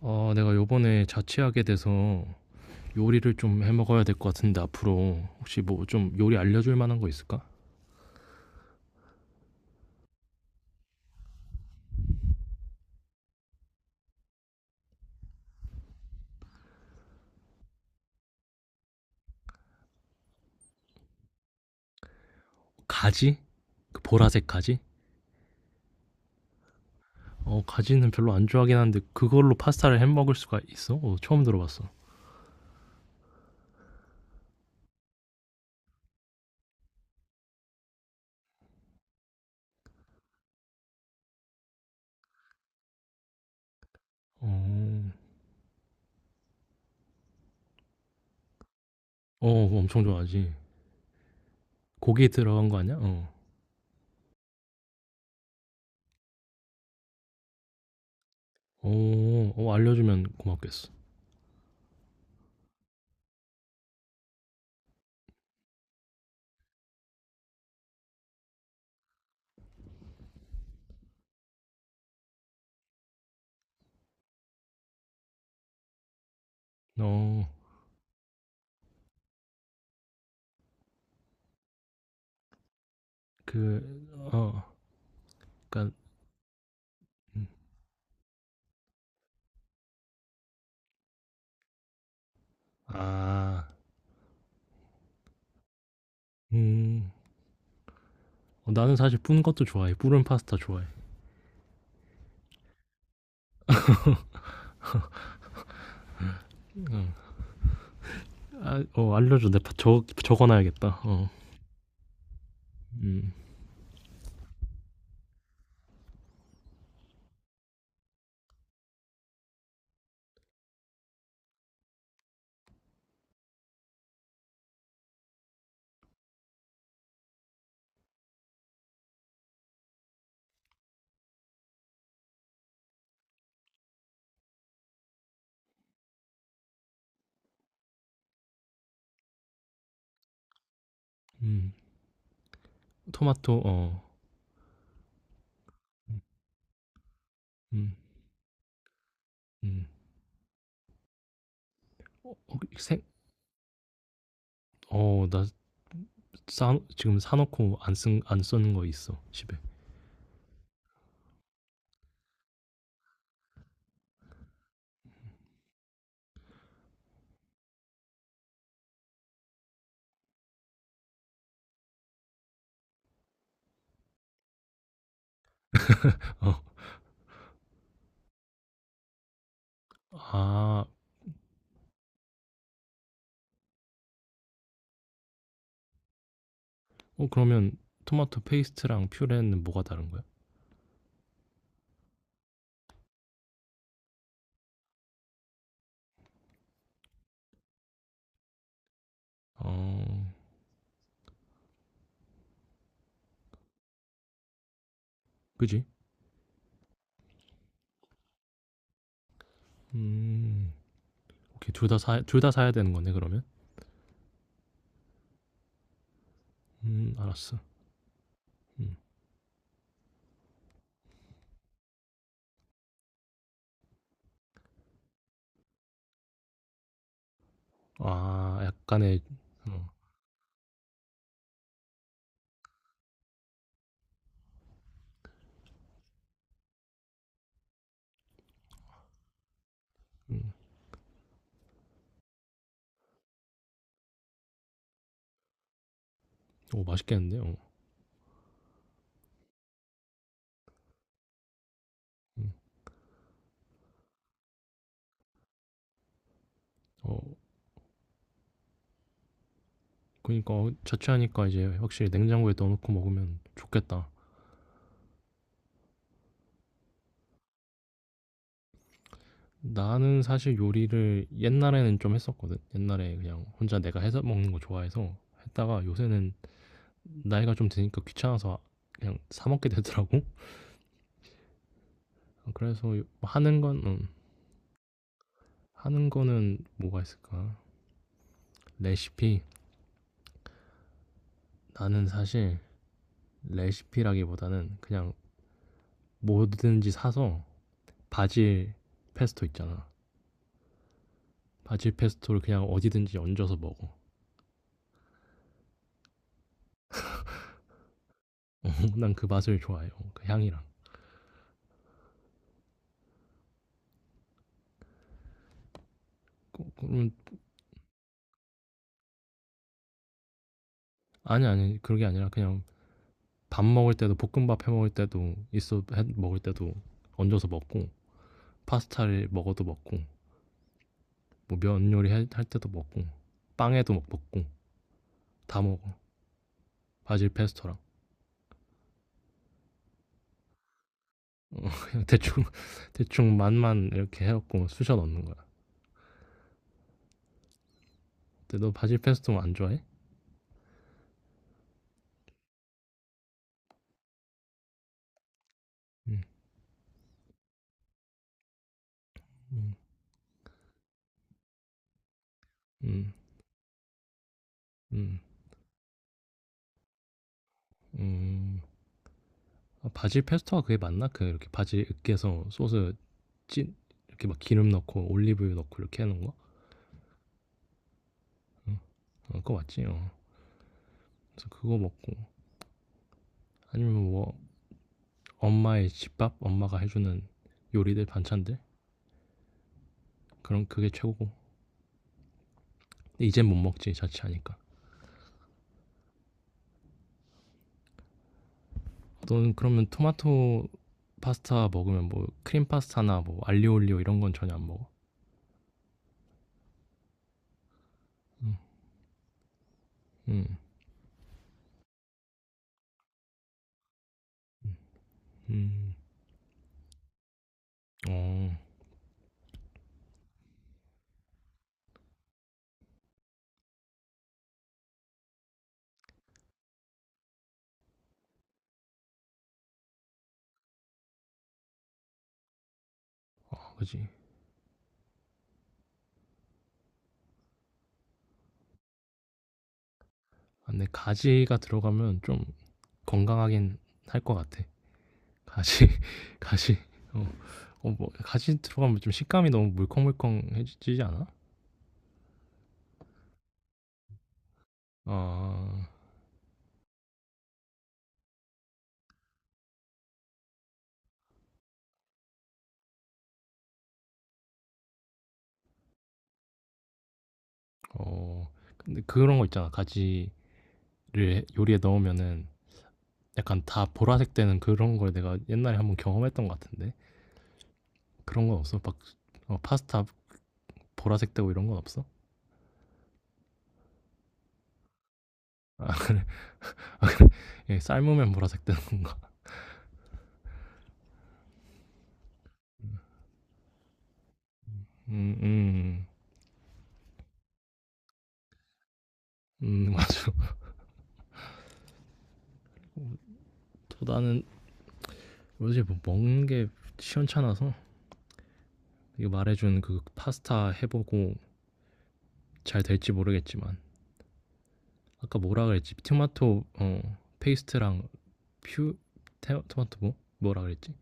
내가 요번에 자취하게 돼서 요리를 좀 해 먹어야 될 것 같은데, 앞으로 혹시 뭐 좀 요리 알려줄 만한 거 있을까? 가지? 그 보라색 가지? 어, 가지는 별로 안 좋아하긴 한데 그걸로 파스타를 해 먹을 수가 있어? 어, 처음 들어봤어. 어, 어, 엄청 좋아하지. 고기 들어간 거 아니야? 어, 어, 어, 알려주면 고맙겠어. 어, 그, 어, 그니까, 아, 음, 어, 나는 사실 뿐 것도 좋아해. 뿌른 파스타 좋아해. 응. 아, 어, 알려줘. 내가 적어놔야겠다. 어. 음, 음. 토마토, 어. 음, 음. 음. 어, 어, 그 생, 어, 나 지금 사놓고 안 쓰는 거 있어. 집에. 어. 아, 어, 그러면 토마토 페이스트랑 퓨레는 뭐가 다른 거야? 어, 그지? 음, 오케이. 둘 다 사야 되는 거네, 그러면? 알았어. 음. 아, 약간의, 어, 음. 오, 맛있겠는데? 어. 음. 어, 그러니까 어, 자취하니까 이제 확실히 냉장고에 넣어놓고 먹으면 좋겠다. 나는 사실 요리를 옛날에는 좀 했었거든. 옛날에 그냥 혼자 내가 해서 먹는 거 좋아해서 했다가 요새는 나이가 좀 드니까 귀찮아서 그냥 사 먹게 되더라고. 그래서 하는 건 하는 거는 뭐가 있을까? 레시피. 나는 사실 레시피라기보다는 그냥 뭐든지 사서 바질 페스토 있잖아. 바질 페스토를 그냥 어디든지 얹어서 먹어. 난 그 맛을 좋아해요. 그 향이랑. 그, 아니 아니 그런 게 아니라 그냥 밥 먹을 때도, 볶음밥 해 먹을 때도 있어, 해 먹을 때도 얹어서 먹고, 파스타를 먹어도 먹고, 뭐 면 요리 할 때도 먹고, 빵에도 막 먹고, 다 먹어. 바질 페스토랑. 그냥 대충 대충 맛만 이렇게 해갖고 쑤셔 넣는 거야. 근데 너 바질 페스토 안 좋아해? 음, 음, 음, 음, 음. 아, 바질 페스토가 그게 맞나? 그 이렇게 바질 으깨서 소스 찐, 이렇게 막 기름 넣고 올리브유 넣고 이렇게 하는 거. 어, 그거 맞지. 어. 그래서 그거 먹고 아니면 뭐 엄마의 집밥, 엄마가 해주는 요리들, 반찬들, 그럼 그게 최고고, 근데 이젠 못 먹지. 자취하니까. 너는 그러면 토마토 파스타 먹으면 뭐 크림 파스타나 뭐 알리올리오 이런 건 전혀 안 먹어? 응. 응. 응. 어, 그지. 아, 근데 가지가 들어가면 좀 건강하긴 할 것 같아. 가시, 가시. 어, 어, 뭐 가시 들어가면 좀 식감이 너무 물컹물컹해지지 않아? 아, 어, 근데 그런 거 있잖아. 가지를 요리에 넣으면은 약간 다 보라색 되는 그런 걸 내가 옛날에 한번 경험했던 것 같은데 그런 건 없어? 막 어, 파스타 보라색 되고 이런 건 없어? 아, 그래. 예, 삶으면 보라색 되는 건가? 음, 음, 맞아. 토다는 요새 뭐 먹는 게 시원찮아서 이거 말해준 그 파스타 해보고 잘 될지 모르겠지만, 아까 뭐라 그랬지? 토마토 어 페이스트랑 퓨 토마토 뭐 뭐라 그랬지?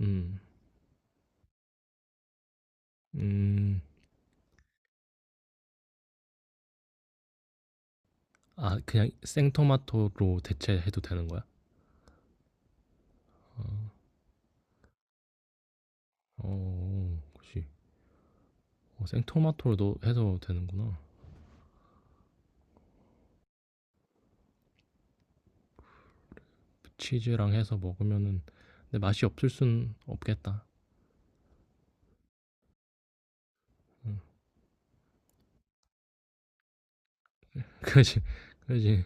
음. 음. 아, 그냥 생토마토로 대체해도 되는 거야? 어, 그렇지. 어, 생토마토로도 해서 되는구나. 치즈랑 해서 먹으면은, 근데 맛이 없을 순 없겠다. 응. 그지, 그지.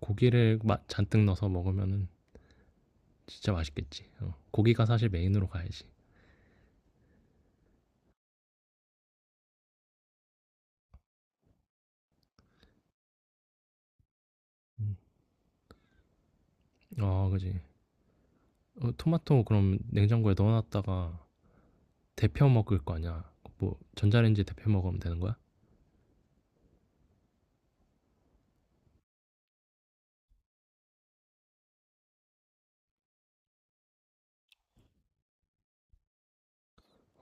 고기를 잔뜩 넣어서 먹으면은 진짜 맛있겠지. 어. 고기가 사실 메인으로 가야지. 어, 그지. 어, 토마토 그럼 냉장고에 넣어 놨다가 데펴 먹을 거 아니야. 뭐 전자레인지에 데펴 먹으면 되는 거야?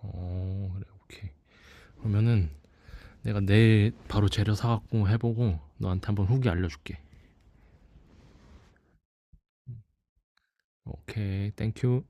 어, 그래. 오케이. 그러면은 내가 내일 바로 재료 사 갖고 해 보고 너한테 한번 후기 알려 줄게. 오케이. 땡큐.